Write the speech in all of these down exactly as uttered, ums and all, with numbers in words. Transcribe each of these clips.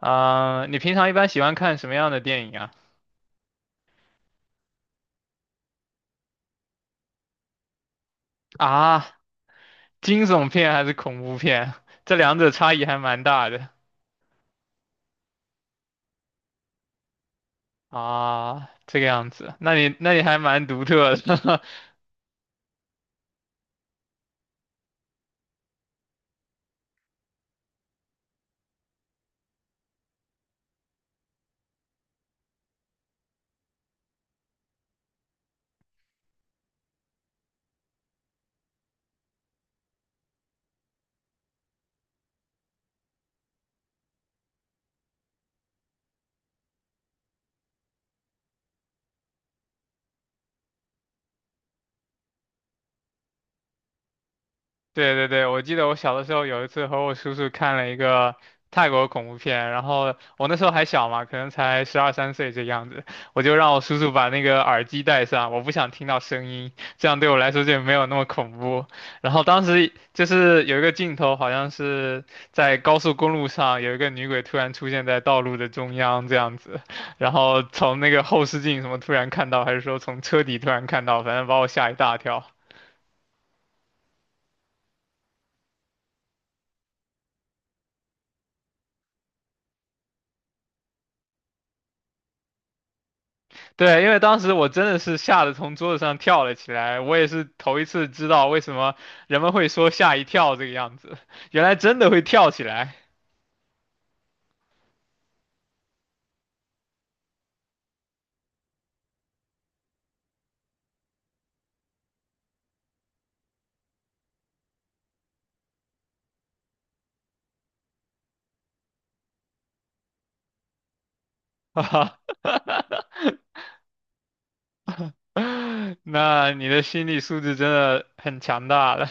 啊、你平常一般喜欢看什么样的电影啊？啊，惊悚片还是恐怖片？这两者差异还蛮大的啊。这个样子，那你那你还蛮独特的。对对对，我记得我小的时候有一次和我叔叔看了一个泰国恐怖片，然后我那时候还小嘛，可能才十二三岁这个样子，我就让我叔叔把那个耳机戴上，我不想听到声音，这样对我来说就没有那么恐怖。然后当时就是有一个镜头，好像是在高速公路上有一个女鬼突然出现在道路的中央这样子，然后从那个后视镜什么突然看到，还是说从车底突然看到，反正把我吓一大跳。对，因为当时我真的是吓得从桌子上跳了起来，我也是头一次知道为什么人们会说吓一跳这个样子，原来真的会跳起来，哈哈，那你的心理素质真的很强大了。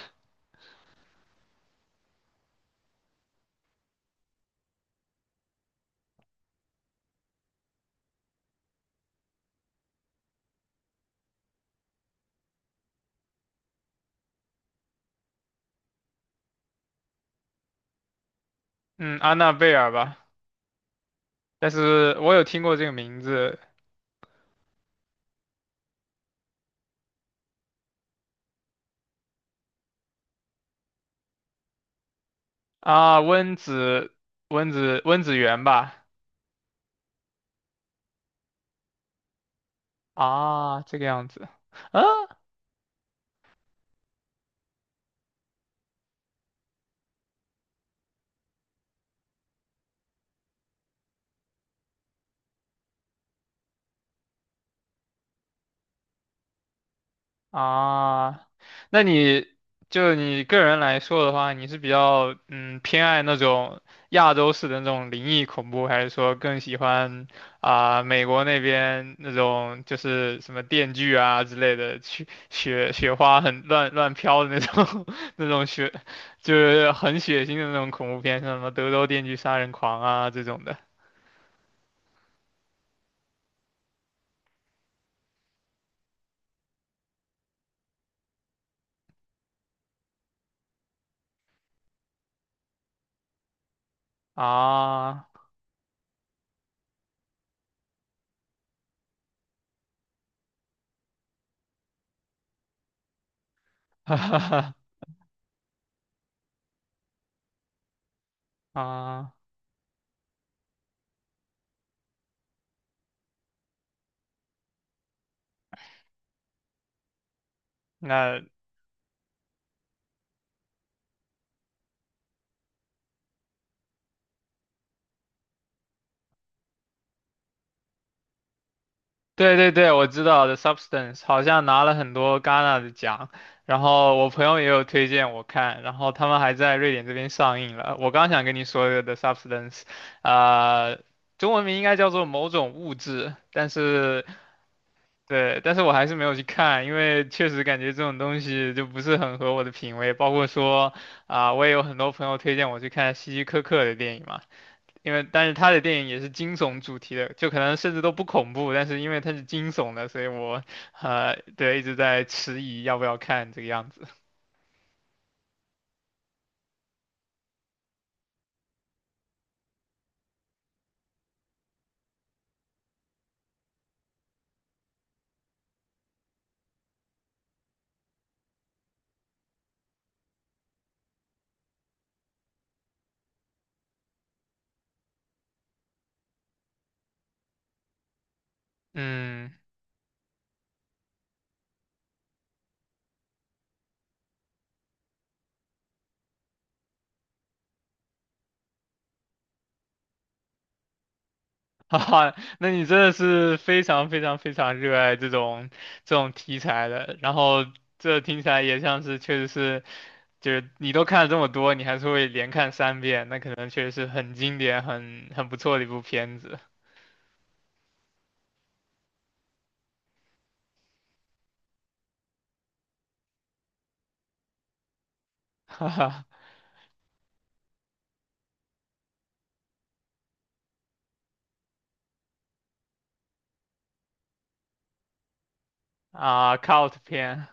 嗯，安娜贝尔吧，但是我有听过这个名字啊，温子温子温子源吧，啊，这个样子，啊，啊，那你就你个人来说的话，你是比较嗯偏爱那种亚洲式的那种灵异恐怖，还是说更喜欢啊、美国那边那种就是什么电锯啊之类的，雪雪雪花很乱乱飘的那种 那种雪，就是很血腥的那种恐怖片，像什么德州电锯杀人狂啊这种的啊，哈哈哈啊，那。对对对，我知道的 Substance 好像拿了很多戛纳的奖，然后我朋友也有推荐我看，然后他们还在瑞典这边上映了。我刚想跟你说的 The Substance，呃，中文名应该叫做某种物质，但是对，但是我还是没有去看，因为确实感觉这种东西就不是很合我的品味，包括说啊、我也有很多朋友推荐我去看希希柯克的电影嘛。因为但是他的电影也是惊悚主题的，就可能甚至都不恐怖，但是因为它是惊悚的，所以我呃对一直在迟疑要不要看这个样子。嗯，哈哈，那你真的是非常非常非常热爱这种这种题材的，然后这听起来也像是确实是就是你都看了这么多，你还是会连看三遍，那可能确实是很经典、很很不错的一部片子，哈哈啊，cult 片。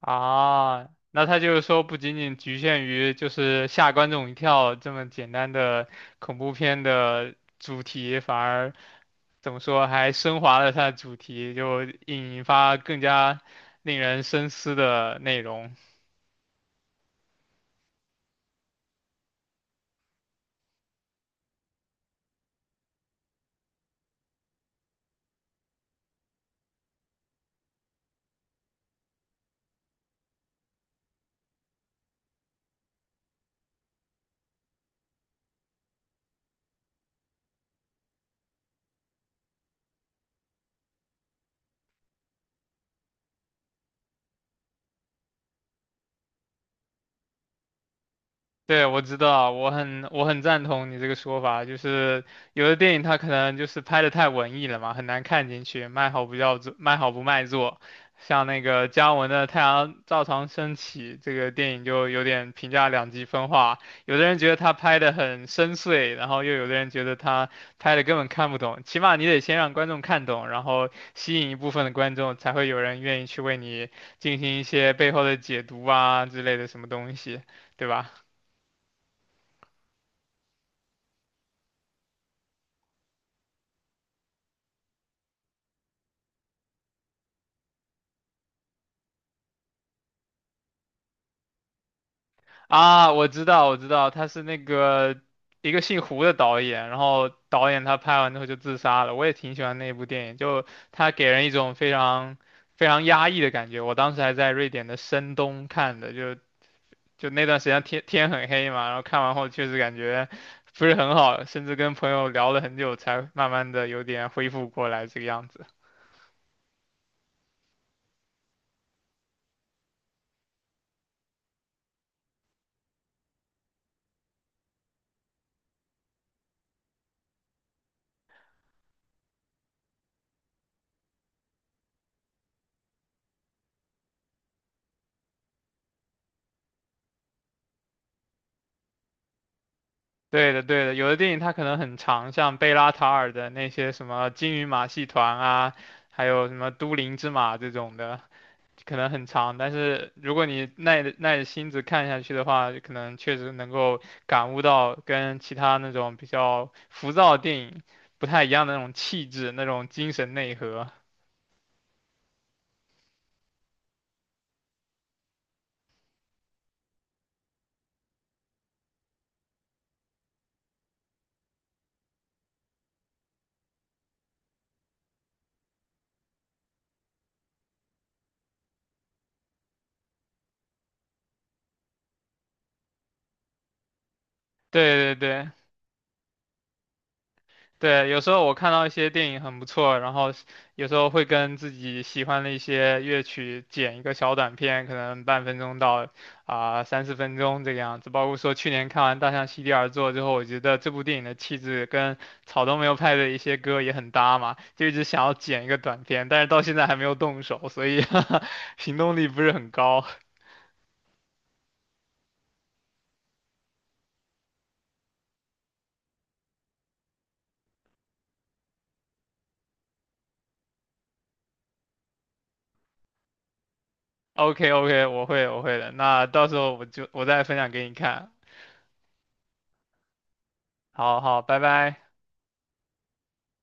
啊，那他就是说不仅仅局限于就是吓观众一跳这么简单的恐怖片的主题，反而怎么说还升华了它的主题，就引发更加令人深思的内容。对，我知道，我很我很赞同你这个说法，就是有的电影它可能就是拍的太文艺了嘛，很难看进去，卖好不要座，卖好不卖座。像那个姜文的《太阳照常升起》这个电影就有点评价两极分化，有的人觉得他拍的很深邃，然后又有的人觉得他拍的根本看不懂。起码你得先让观众看懂，然后吸引一部分的观众，才会有人愿意去为你进行一些背后的解读啊之类的什么东西，对吧？啊，我知道，我知道，他是那个一个姓胡的导演，然后导演他拍完之后就自杀了。我也挺喜欢那部电影，就他给人一种非常非常压抑的感觉。我当时还在瑞典的深冬看的，就就那段时间天天很黑嘛，然后看完后确实感觉不是很好，甚至跟朋友聊了很久才慢慢的有点恢复过来这个样子。对的，对的，有的电影它可能很长，像贝拉塔尔的那些什么《金鱼马戏团》啊，还有什么《都灵之马》这种的，可能很长。但是如果你耐着耐着心子看下去的话，可能确实能够感悟到跟其他那种比较浮躁的电影不太一样的那种气质、那种精神内核。对对对，对，有时候我看到一些电影很不错，然后有时候会跟自己喜欢的一些乐曲剪一个小短片，可能半分钟到啊、三四分钟这个样子。包括说去年看完《大象席地而坐》之后，我觉得这部电影的气质跟草东没有派的一些歌也很搭嘛，就一直想要剪一个短片，但是到现在还没有动手，所以 行动力不是很高。OK OK，我会我会的，那到时候我就我再分享给你看。好好，拜拜。